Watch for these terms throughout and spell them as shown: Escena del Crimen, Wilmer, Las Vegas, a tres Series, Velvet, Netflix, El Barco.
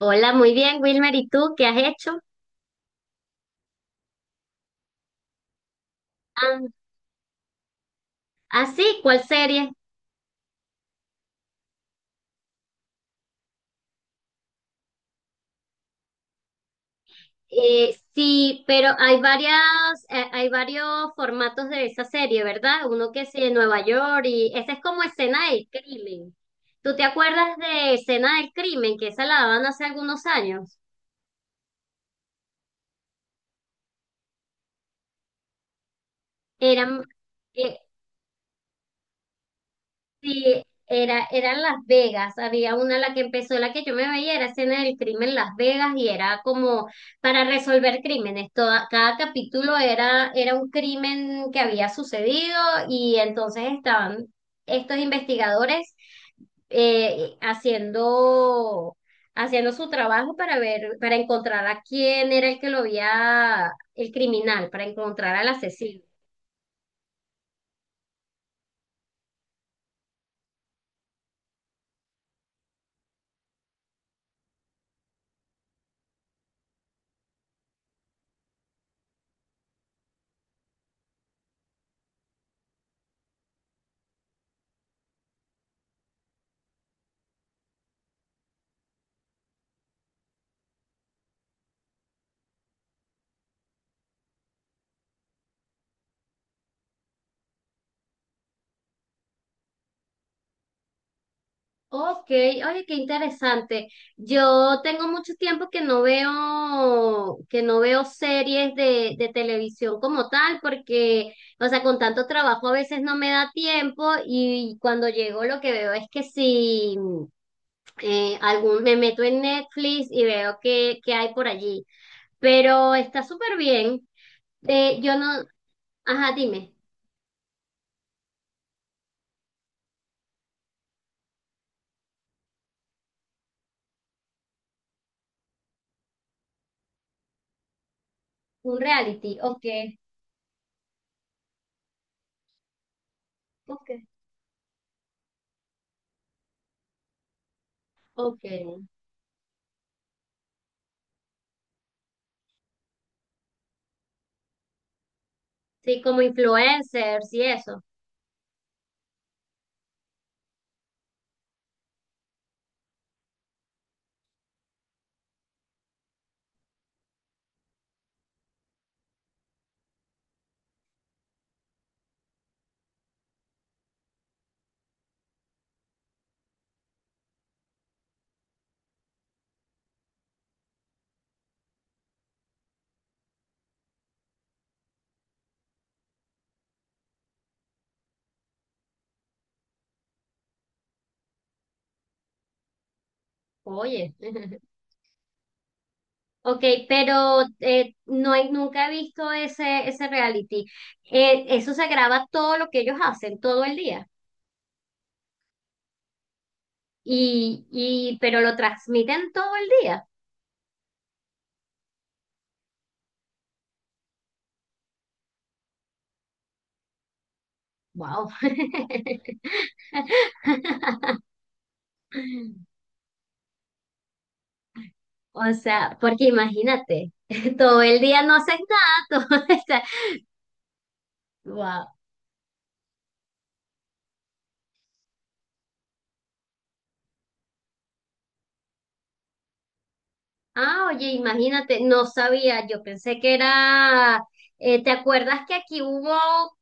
Hola, muy bien, Wilmer. ¿Y tú qué has hecho? Ah, ah, sí, ¿cuál serie? Sí, pero hay varias, hay varios formatos de esa serie, ¿verdad? Uno que sí en Nueva York y esa es como Escena del Crimen. ¿Tú te acuerdas de Escena del Crimen, que esa la daban hace algunos años? Eran, Sí, eran Las Vegas. Había una la que empezó, la que yo me veía, era Escena del Crimen Las Vegas y era como para resolver crímenes. Cada capítulo era un crimen que había sucedido y entonces estaban estos investigadores eh, haciendo, haciendo su trabajo para ver, para encontrar a quién era el que lo había, el criminal, para encontrar al asesino. Ok, oye, qué interesante. Yo tengo mucho tiempo que no veo, series de televisión como tal, porque, o sea, con tanto trabajo a veces no me da tiempo y cuando llego lo que veo es que si me meto en Netflix y veo que hay por allí, pero está súper bien. Yo no, ajá, dime, un reality, ok, ok, ok. Sí, como influencers y eso. Oye, ok, pero no he, nunca he visto ese, reality. Eso se graba todo lo que ellos hacen todo el día y pero lo transmiten todo el día. Wow. O sea, porque imagínate, todo el día no haces nada, todo, o sea, wow. Ah, oye, imagínate, no sabía, yo pensé que era, ¿te acuerdas que aquí hubo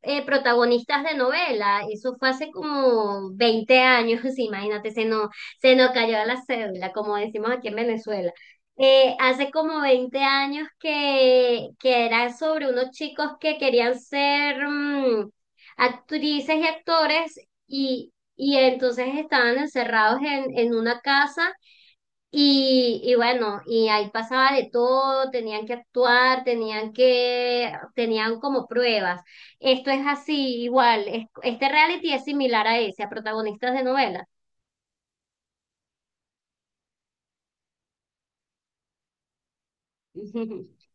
protagonistas de novela? Eso fue hace como 20 años, imagínate, se nos cayó la cédula, como decimos aquí en Venezuela. Hace como 20 años que era sobre unos chicos que querían ser actrices y actores y entonces estaban encerrados en una casa y bueno, y ahí pasaba de todo, tenían que actuar, tenían como pruebas. Esto es así, igual, este reality es similar a ese, a protagonistas de novelas.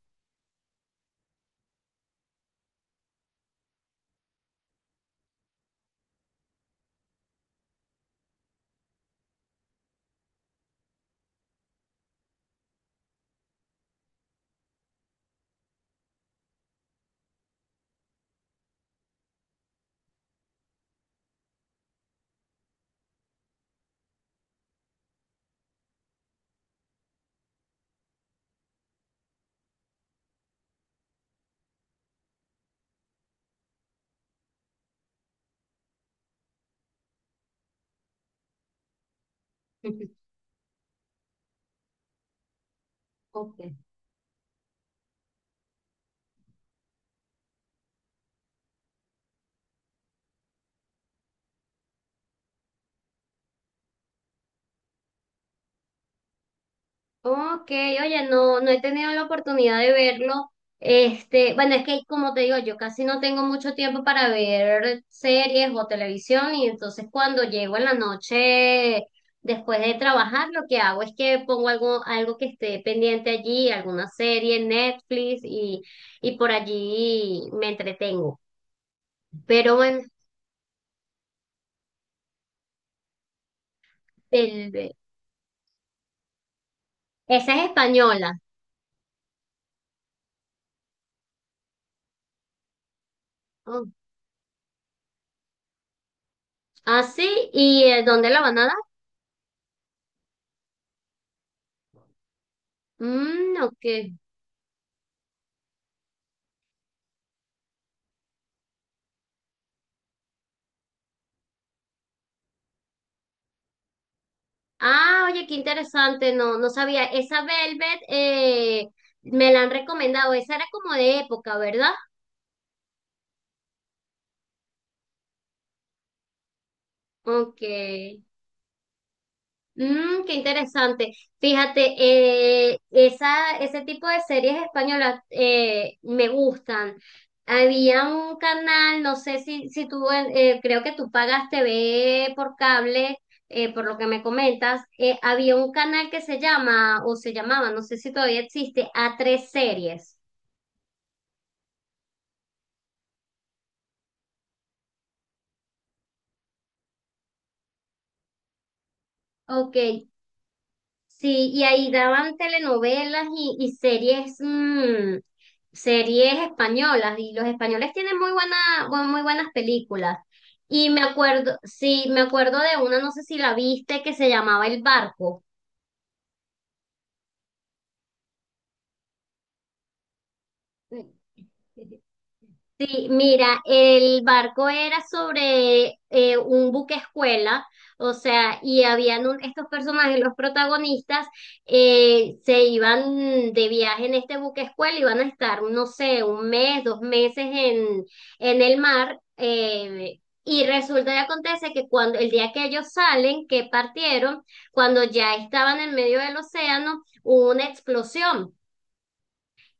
Ok. Ok, oye, no, no he tenido la oportunidad de verlo. Este, bueno, es que como te digo, yo casi no tengo mucho tiempo para ver series o televisión y entonces cuando llego en la noche después de trabajar, lo que hago es que pongo algo que esté pendiente allí, alguna serie en Netflix y por allí me entretengo. Pero bueno, el- esa es española. Oh, ah, sí, ¿y dónde la van a dar? Mm, ok. Ah, oye, qué interesante, no, no sabía. Esa Velvet, me la han recomendado, esa era como de época, ¿verdad? Ok. Mm, qué interesante. Fíjate, ese tipo de series españolas, me gustan. Había un canal, no sé si tú, creo que tú pagas TV por cable, por lo que me comentas. Había un canal que se llama, o se llamaba, no sé si todavía existe, a tres Series. Ok, sí, y ahí daban telenovelas y series, series españolas, y los españoles tienen muy buena, muy buenas películas. Y me acuerdo, sí, me acuerdo de una, no sé si la viste, que se llamaba El Barco. Sí, mira, el barco era sobre un buque escuela, o sea, y habían estos personajes, los protagonistas, se iban de viaje en este buque escuela, iban a estar, no sé, 1 mes, 2 meses en el mar, y resulta y acontece que cuando el día que ellos salen, que partieron, cuando ya estaban en medio del océano, hubo una explosión.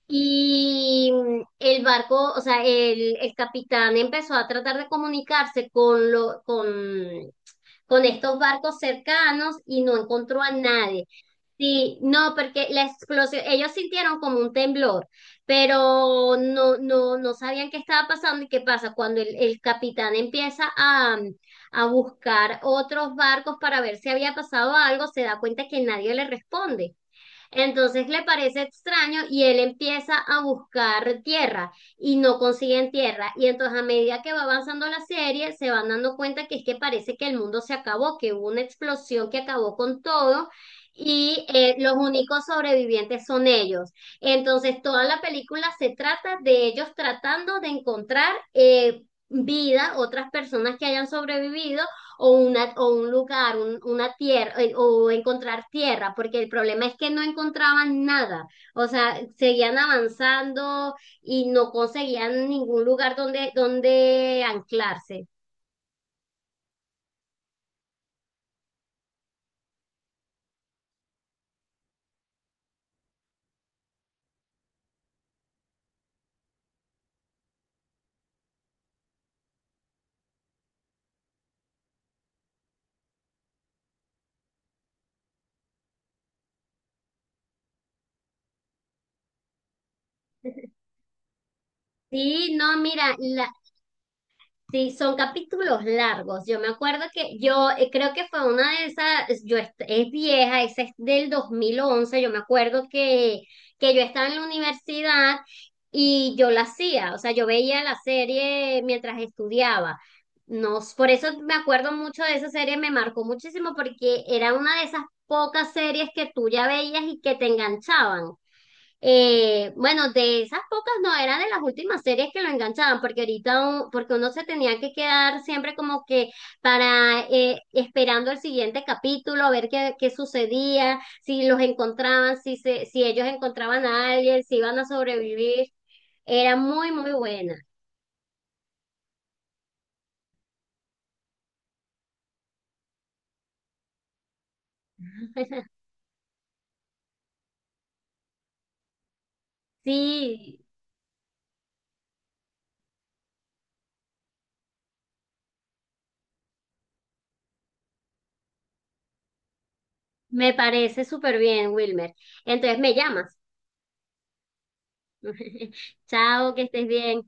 Y el barco, o sea, el capitán empezó a tratar de comunicarse con estos barcos cercanos y no encontró a nadie. Sí, no, porque la explosión, ellos sintieron como un temblor, pero no sabían qué estaba pasando y qué pasa cuando el capitán empieza a buscar otros barcos para ver si había pasado algo, se da cuenta que nadie le responde. Entonces le parece extraño y él empieza a buscar tierra y no consiguen tierra. Y entonces a medida que va avanzando la serie, se van dando cuenta que es que parece que el mundo se acabó, que hubo una explosión que acabó con todo. Y los únicos sobrevivientes son ellos. Entonces, toda la película se trata de ellos tratando de encontrar vida, otras personas que hayan sobrevivido o, o un lugar, una tierra, o encontrar tierra, porque el problema es que no encontraban nada, o sea, seguían avanzando y no conseguían ningún lugar donde, anclarse. Sí, no, mira, sí, son capítulos largos. Yo me acuerdo que yo creo que fue una de esas, es vieja, esa es del 2011. Yo me acuerdo que yo estaba en la universidad y yo la hacía, o sea, yo veía la serie mientras estudiaba. No, por eso me acuerdo mucho de esa serie, me marcó muchísimo porque era una de esas pocas series que tú ya veías y que te enganchaban. Bueno, de esas pocas no, era de las últimas series que lo enganchaban, porque ahorita, porque uno se tenía que quedar siempre como que para, esperando el siguiente capítulo, a ver qué, sucedía, si los encontraban, si ellos encontraban a alguien, si iban a sobrevivir. Era muy, muy buena. Sí, me parece súper bien, Wilmer. Entonces me llamas. Chao, que estés bien.